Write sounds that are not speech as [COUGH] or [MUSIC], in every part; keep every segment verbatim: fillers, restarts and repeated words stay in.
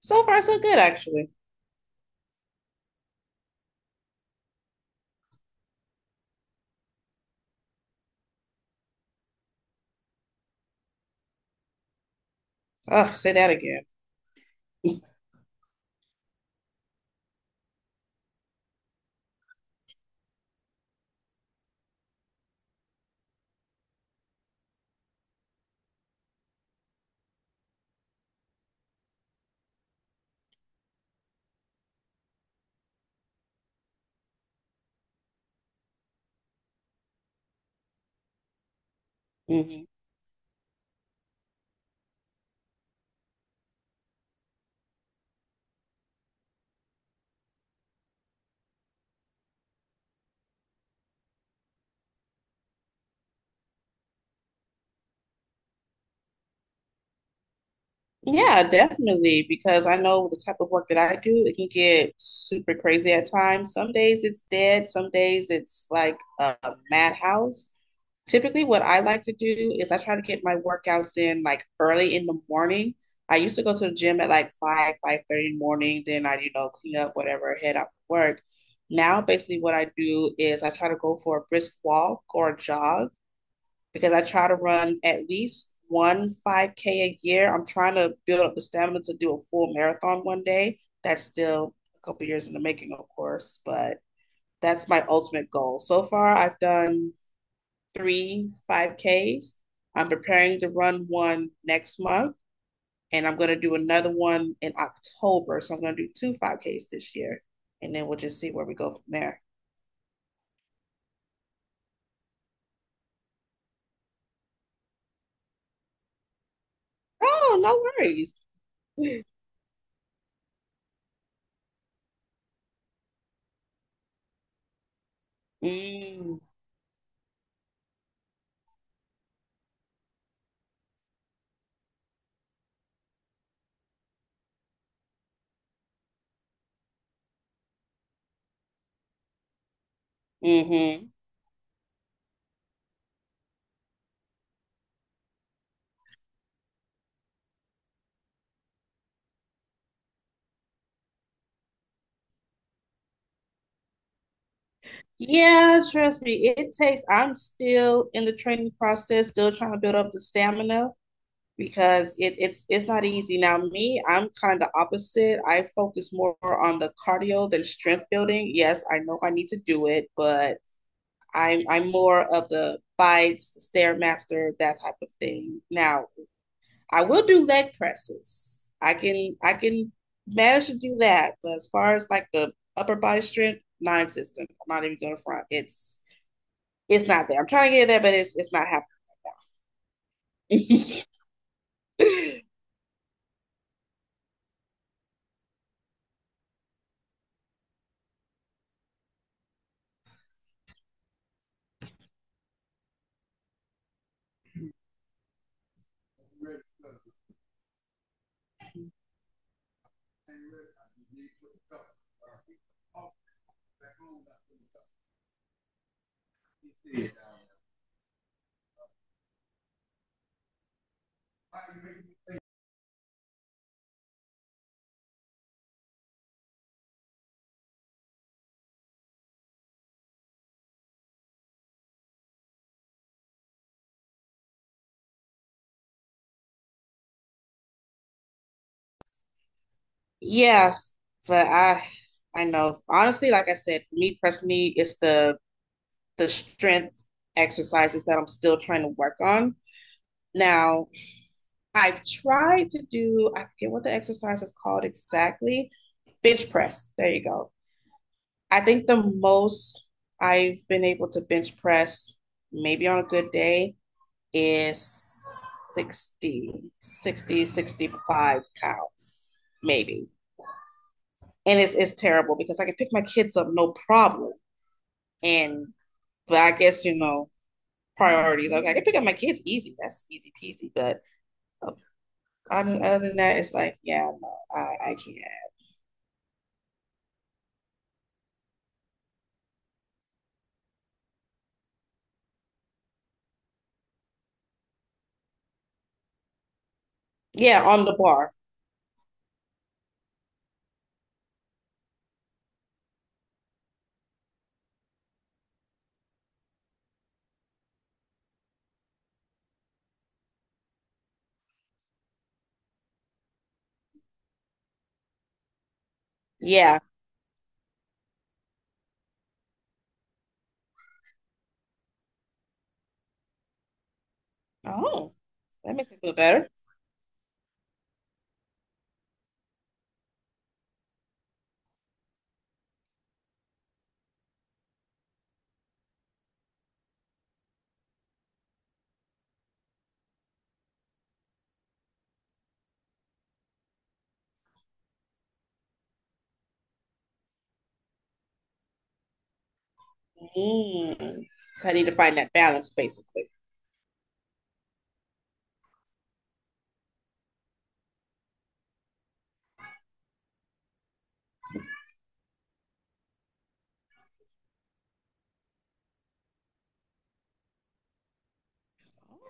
So far, so good, actually. Oh, say that again. Hmm. Yeah, definitely, because I know the type of work that I do, it can get super crazy at times. Some days it's dead, some days it's like a a madhouse. Typically, what I like to do is I try to get my workouts in like early in the morning. I used to go to the gym at like five, five thirty in the morning. Then I, you know, clean up whatever, head out to work. Now, basically, what I do is I try to go for a brisk walk or a jog because I try to run at least one five K a year. I'm trying to build up the stamina to do a full marathon one day. That's still a couple years in the making, of course, but that's my ultimate goal. So far, I've done three five Ks. I'm preparing to run one next month, and I'm going to do another one in October. So I'm going to do two five Ks this year, and then we'll just see where we go from there. Oh, no worries. [LAUGHS] Mm. Mhm. Yeah, trust me, it takes. I'm still in the training process, still trying to build up the stamina because it, it's it's not easy. Now, me, I'm kind of opposite. I focus more on the cardio than strength building. Yes, I know I need to do it, but I'm I'm more of the bites, stairmaster, that type of thing. Now, I will do leg presses. I can I can manage to do that, but as far as like the upper body strength, non-existent. I'm not even going to front. It's it's not there. I'm trying to get it there, but it's it's not happening. [LAUGHS] Yeah, but I I know honestly, like I said, for me personally, it's the the strength exercises that I'm still trying to work on. Now, I've tried to do, I forget what the exercise is called exactly, bench press. There you go. I think the most I've been able to bench press, maybe on a good day, is sixty, sixty, sixty-five sixty, cows, maybe. And it's, it's terrible because I can pick my kids up no problem. And but I guess, you know, priorities. Okay, I can pick up my kids easy. That's easy peasy. But uh, other, other than that, it's like, yeah, no, I, I can't. Yeah, on the bar. Yeah. Oh, that makes me feel better. Mm. So I need to find that balance, basically.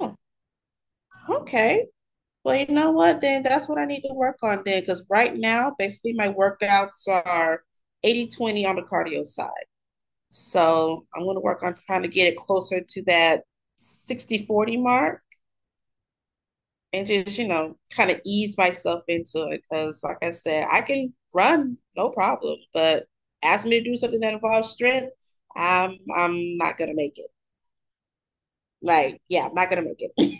Oh, okay. Well, you know what? Then that's what I need to work on then, because right now, basically, my workouts are eighty twenty on the cardio side. So I'm going to work on trying to get it closer to that sixty forty mark and just, you know, kind of ease myself into it. Because, like I said, I can run no problem, but ask me to do something that involves strength, I'm, I'm not going to make it. Like, yeah, I'm not going to make it.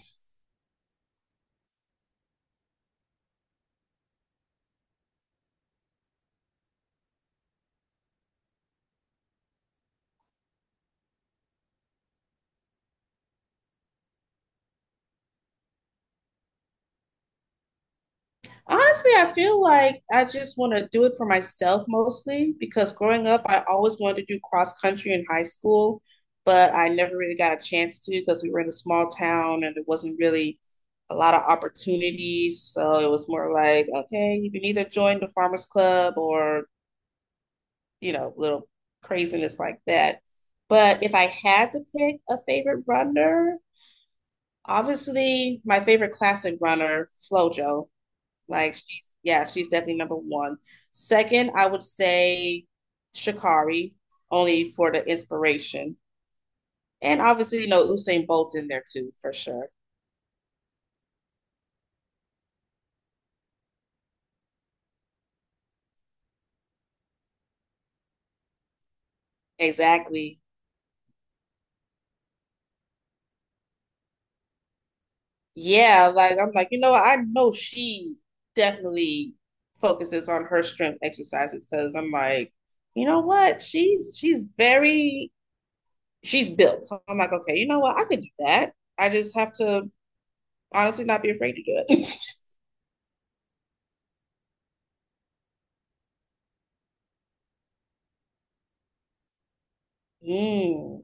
Honestly, I feel like I just want to do it for myself mostly because growing up, I always wanted to do cross country in high school, but I never really got a chance to because we were in a small town and there wasn't really a lot of opportunities. So it was more like, okay, you can either join the farmers club or, you know, little craziness like that. But if I had to pick a favorite runner, obviously my favorite classic runner, Flojo. Like she's, yeah, she's definitely number one. Second, I would say Shakari, only for the inspiration. And obviously, you know, Usain Bolt's in there too, for sure. Exactly. Yeah, like I'm like, you know, I know she definitely focuses on her strength exercises because I'm like, you know what? She's she's very she's built. So I'm like, okay, you know what? I could do that. I just have to honestly not be afraid to do it. [LAUGHS] Mm,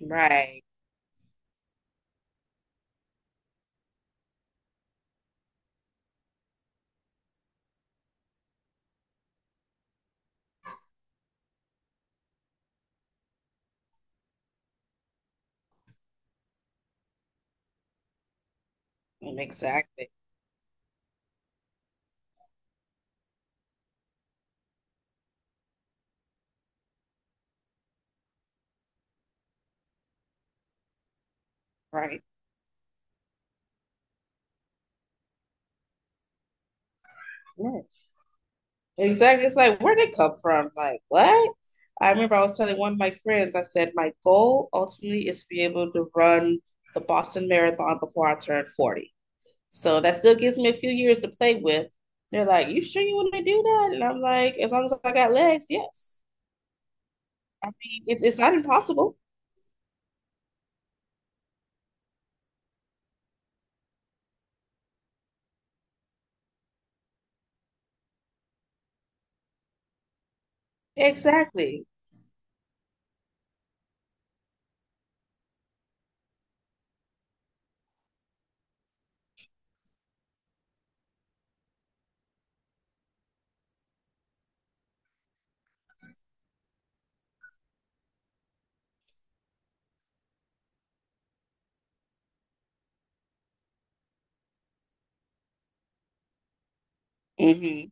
right. Exactly. Right. Yeah. Exactly. It's like, where'd it come from? Like, what? I remember I was telling one of my friends, I said, my goal ultimately is to be able to run the Boston Marathon before I turn forty. So that still gives me a few years to play with. They're like, you sure you want to do that? And I'm like, as long as I got legs, yes. I mean, it's, it's not impossible. Exactly. Mm-hmm.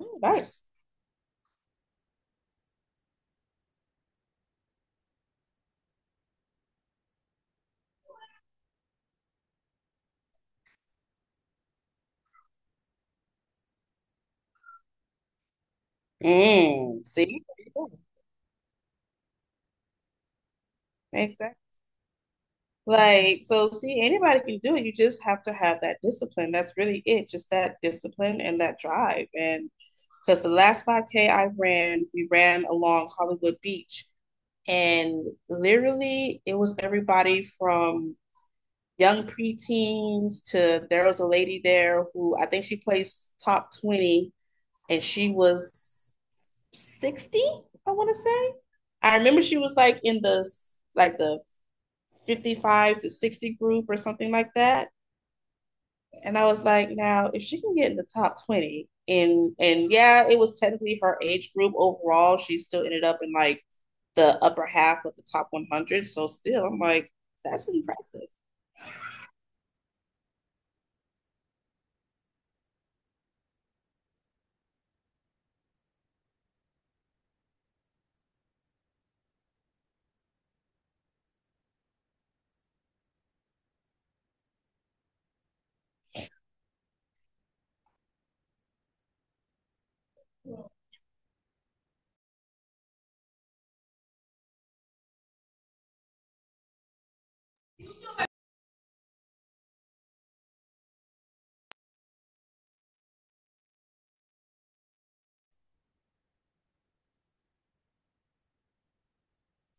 Mm, nice. Mm. See? There you go. Exactly. Like, so see, anybody can do it. You just have to have that discipline. That's really it. Just that discipline and that drive. And because the last five K I ran, we ran along Hollywood Beach. And literally, it was everybody from young preteens to there was a lady there who I think she placed top twenty and she was sixty, I want to say. I remember she was like in the like the fifty-five to sixty group or something like that. And I was like, now if she can get in the top twenty and and yeah, it was technically her age group overall, she still ended up in like the upper half of the top one hundred. So still, I'm like, that's impressive.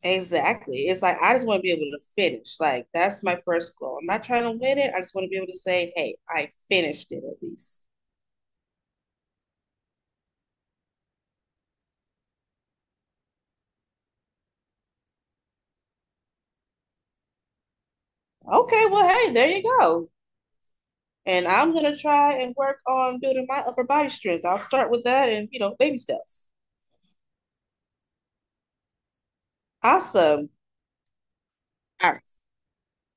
Exactly. It's like I just want to be able to finish. Like that's my first goal. I'm not trying to win it. I just want to be able to say, "Hey, I finished it at least." Okay, well, hey, there you go. And I'm gonna try and work on building my upper body strength. I'll start with that and, you know, baby steps. Awesome. All right.